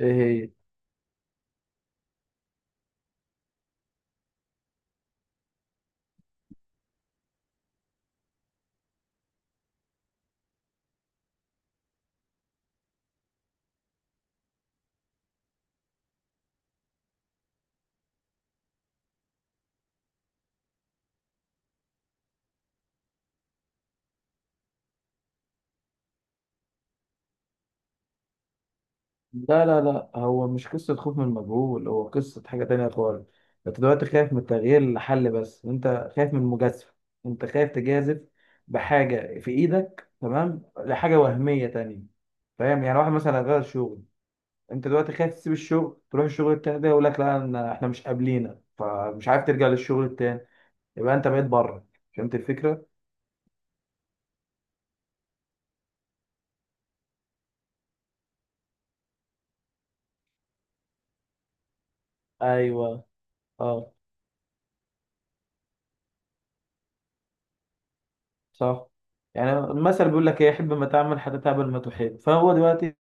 ايه هي؟ لا لا لا، هو مش قصة خوف من المجهول، هو قصة حاجة تانية خالص. انت دلوقتي خايف من التغيير لحل، بس انت خايف من المجازفة. انت خايف تجازف بحاجة في ايدك تمام لحاجة وهمية تانية. فاهم؟ يعني واحد مثلا غير شغل. انت دلوقتي خايف تسيب الشغل تروح الشغل التاني، ده يقول لك لا، احنا مش قابلينك، فمش عارف ترجع للشغل التاني، يبقى انت بقيت بره. فهمت الفكرة؟ ايوه اه صح. يعني المثل بيقول لك ايه، حب ما تعمل حتى تعمل ما تحب. فهو دلوقتي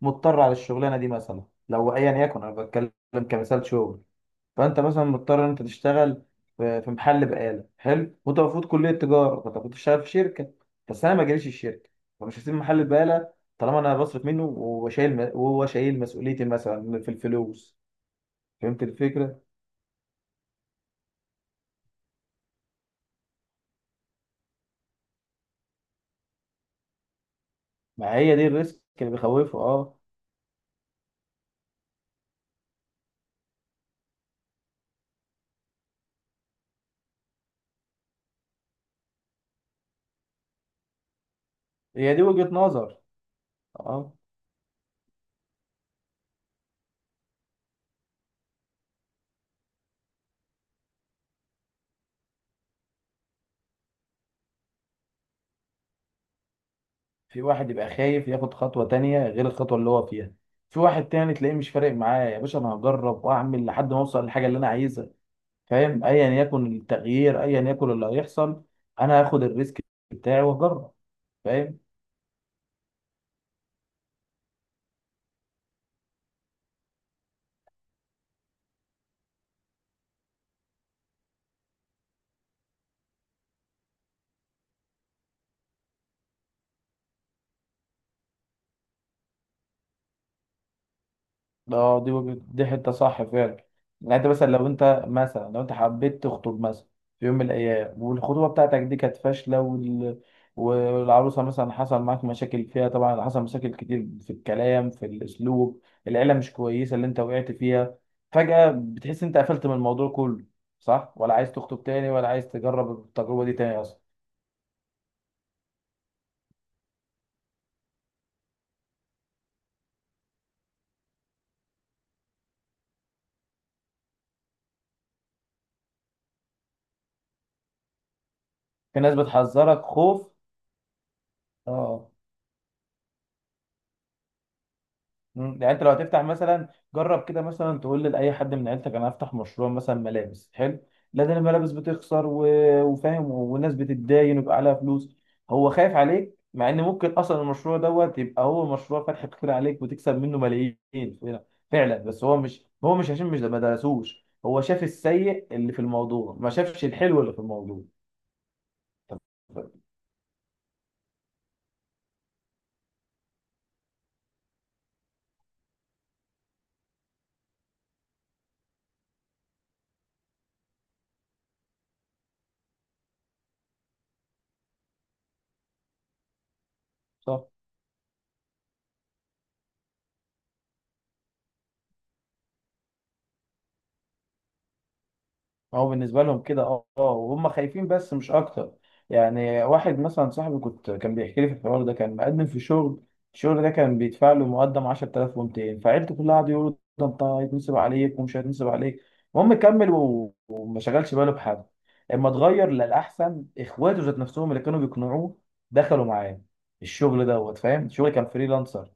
مضطر على الشغلانه دي مثلا، لو ايا يكن انا بتكلم كمثال شغل. فانت مثلا مضطر ان انت تشتغل في محل بقاله حلو، وانت المفروض كليه تجاره، فانت كنت تشتغل في شركه، بس انا ما جاليش الشركه، فمش هسيب محل البقاله طالما انا بصرف منه وشايل، وهو شايل مسؤوليتي مثلا في الفلوس. فهمت الفكره. ما هي دي الريسك اللي بيخوفه، اه. هي دي وجهه نظر. اه، في واحد يبقى خايف ياخد خطوة تانية غير الخطوة اللي هو فيها، في واحد تاني تلاقيه مش فارق معاه، يا باشا انا هجرب واعمل لحد ما اوصل للحاجة اللي انا عايزها، فاهم؟ ايا يكن التغيير، ايا يكن اللي هيحصل، انا هاخد الريسك بتاعي واجرب. فاهم؟ اه، دي وجهة، دي حتة صح فعلا. يعني انت مثلا لو انت حبيت تخطب مثلا في يوم من الايام، والخطوبة بتاعتك دي كانت فاشلة، والعروسة مثلا حصل معاك مشاكل فيها، طبعا حصل مشاكل كتير في الكلام، في الاسلوب، العيلة مش كويسة اللي انت وقعت فيها، فجأة بتحس انت قفلت من الموضوع كله، صح؟ ولا عايز تخطب تاني؟ ولا عايز تجرب التجربة دي تاني اصلا؟ في ناس بتحذرك خوف، اه. يعني انت لو هتفتح مثلا، جرب كده مثلا تقول لاي حد من عيلتك انا هفتح مشروع مثلا ملابس حلو، لا ده الملابس بتخسر، وفاهم، والناس بتتداين ويبقى عليها فلوس. هو خايف عليك مع ان ممكن اصلا المشروع دوت يبقى هو مشروع فتح كتير عليك وتكسب منه ملايين. فعلا فعلا. بس هو مش عشان مش ما درسوش، هو شاف السيء اللي في الموضوع، ما شافش الحلو اللي في الموضوع. صح. هو بالنسبة لهم كده، اه اه، وهم خايفين بس مش أكتر. يعني واحد مثلا صاحبي كان بيحكي لي في الحوار ده، كان مقدم في شغل، الشغل ده كان بيدفع له مقدم 10200، فعيلته كلها قعدوا يقولوا ده أنت هيتنصب عليك ومش هيتنصب عليك. المهم كمل، وما شغلش باله بحد، اما اتغير للأحسن إخواته ذات نفسهم اللي كانوا بيقنعوه دخلوا معاه الشغل دوت. فاهم؟ الشغل كان فريلانسر.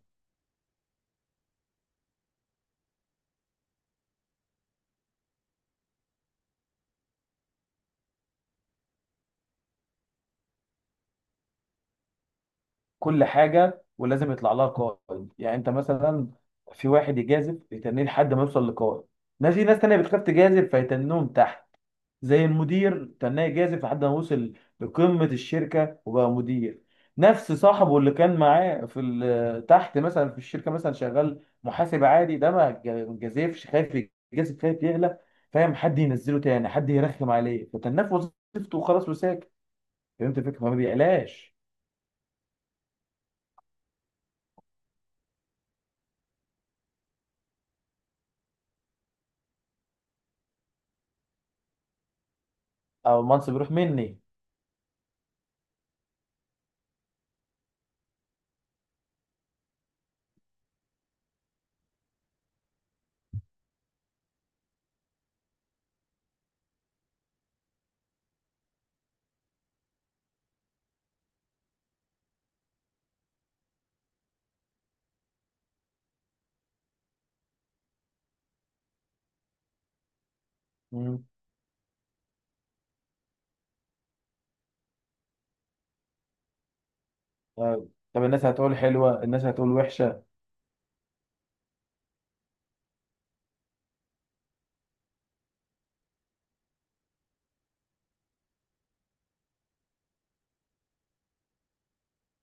كل حاجه ولازم يطلع لها قائد. يعني انت مثلا، في واحد يجازف يتنيه لحد ما يوصل لقائد ناس، في ناس تانية بتخاف تجازف فيتنوهم تحت. زي المدير تناه يجازف لحد ما وصل لقمه الشركه وبقى مدير. نفس صاحبه اللي كان معاه تحت مثلا في الشركه، مثلا شغال محاسب عادي، ده ما ج- جازفش، خايف يجازف، خايف يغلى، فاهم؟ حد ينزله تاني، حد يرخم عليه، فتناه في وظيفته وخلاص وساكت. فهمت الفكره؟ فما بيعلاش. او المنصب يروح مني. آه، طب الناس هتقول حلوة، الناس هتقول وحشة.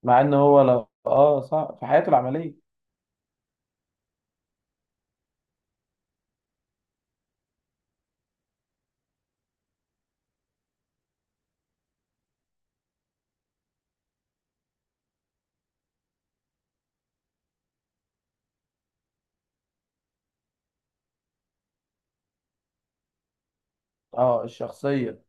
مع ان هو لو اه صح في حياته العملية. اه الشخصية.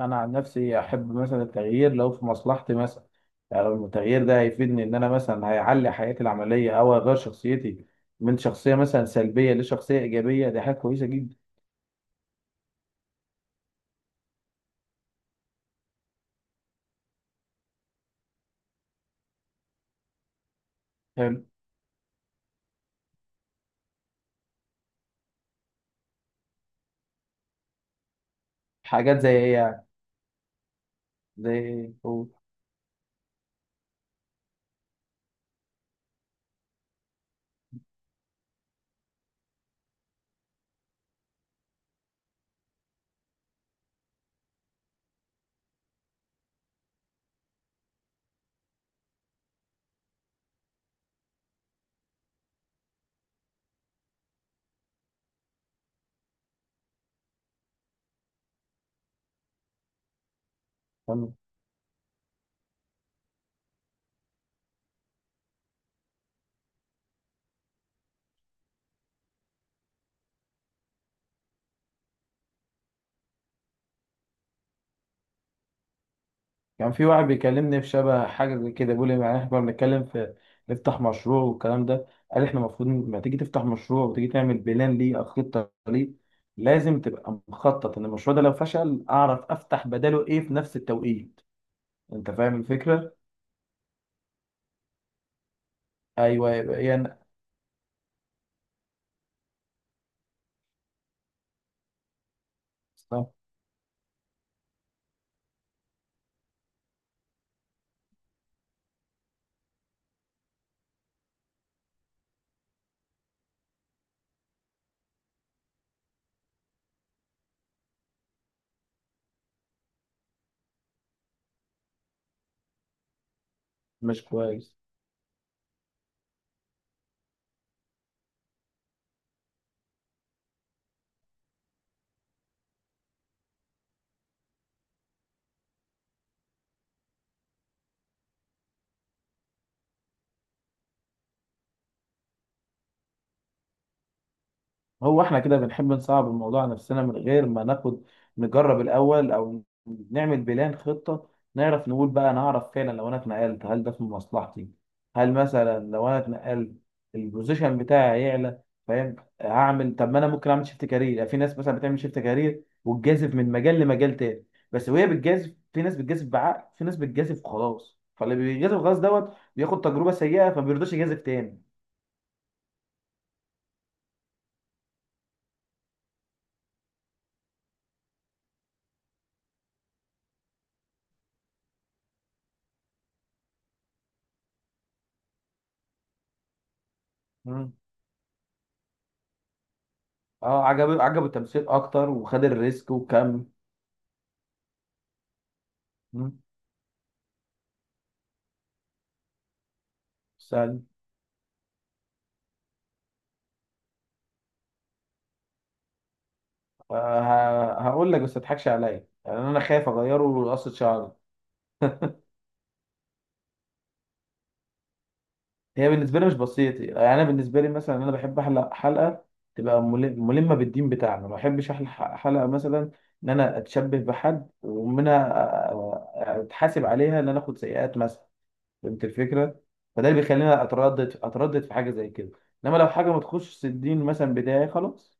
انا عن نفسي احب مثلا التغيير لو في مصلحتي مثلا. يعني لو التغيير ده هيفيدني، ان انا مثلا هيعلي حياتي العملية او اغير شخصيتي من شخصية مثلا سلبية لشخصية ايجابية، دي حاجة كويسة جدا. حلو. حاجات زي ايه يعني؟ زي ايه، قول. كان في واحد بيكلمني في شبه حاجة زي كده، بيقول لي يعني احنا كنا بنتكلم في نفتح مشروع والكلام ده، قال احنا المفروض لما تيجي تفتح مشروع وتيجي تعمل بلان ليه أو خطة ليه، لازم تبقى مخطط إن المشروع ده لو فشل أعرف أفتح بداله إيه في نفس التوقيت. أنت فاهم الفكرة؟ أيوه يبقى يعني. مش كويس. هو احنا كده بنحب نصعب الموضوع على نفسنا من غير ما ناخد، نجرب الاول، او نعمل بلان خطة، نعرف نقول بقى انا اعرف فعلا لو انا اتنقلت هل ده في مصلحتي، هل مثلا لو انا اتنقلت البوزيشن بتاعي هيعلى، فاهم؟ هعمل، طب ما انا ممكن اعمل شيفت كارير، في ناس مثلا بتعمل شيفت كارير وتجازف من مجال لمجال تاني، بس وهي بتجازف في ناس بتجازف بعقل، في ناس بتجازف خلاص، فاللي بيجازف خلاص دوت بياخد تجربة سيئة فما بيرضاش يجازف تاني. مم. اه عجبه التمثيل اكتر وخد الريسك وكمل. مم. استنى. هقول لك بس ما تضحكش عليا، يعني انا خايف اغيره لقصة شعري. هي بالنسبه لي مش بسيط، يعني انا بالنسبه لي مثلا انا بحب احلق حلقه تبقى ملمه بالدين بتاعنا، ما بحبش احلق حلقه مثلا ان انا اتشبه بحد، ومنها اتحاسب عليها ان انا اخد سيئات مثلا. فهمت الفكره. فده اللي بيخليني اتردد في حاجه زي كده. انما لو حاجه ما تخشش الدين مثلا بتاعي خلاص.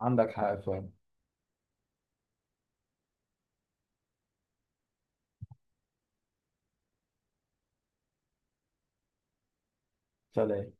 عندك حق فعلا. سلام.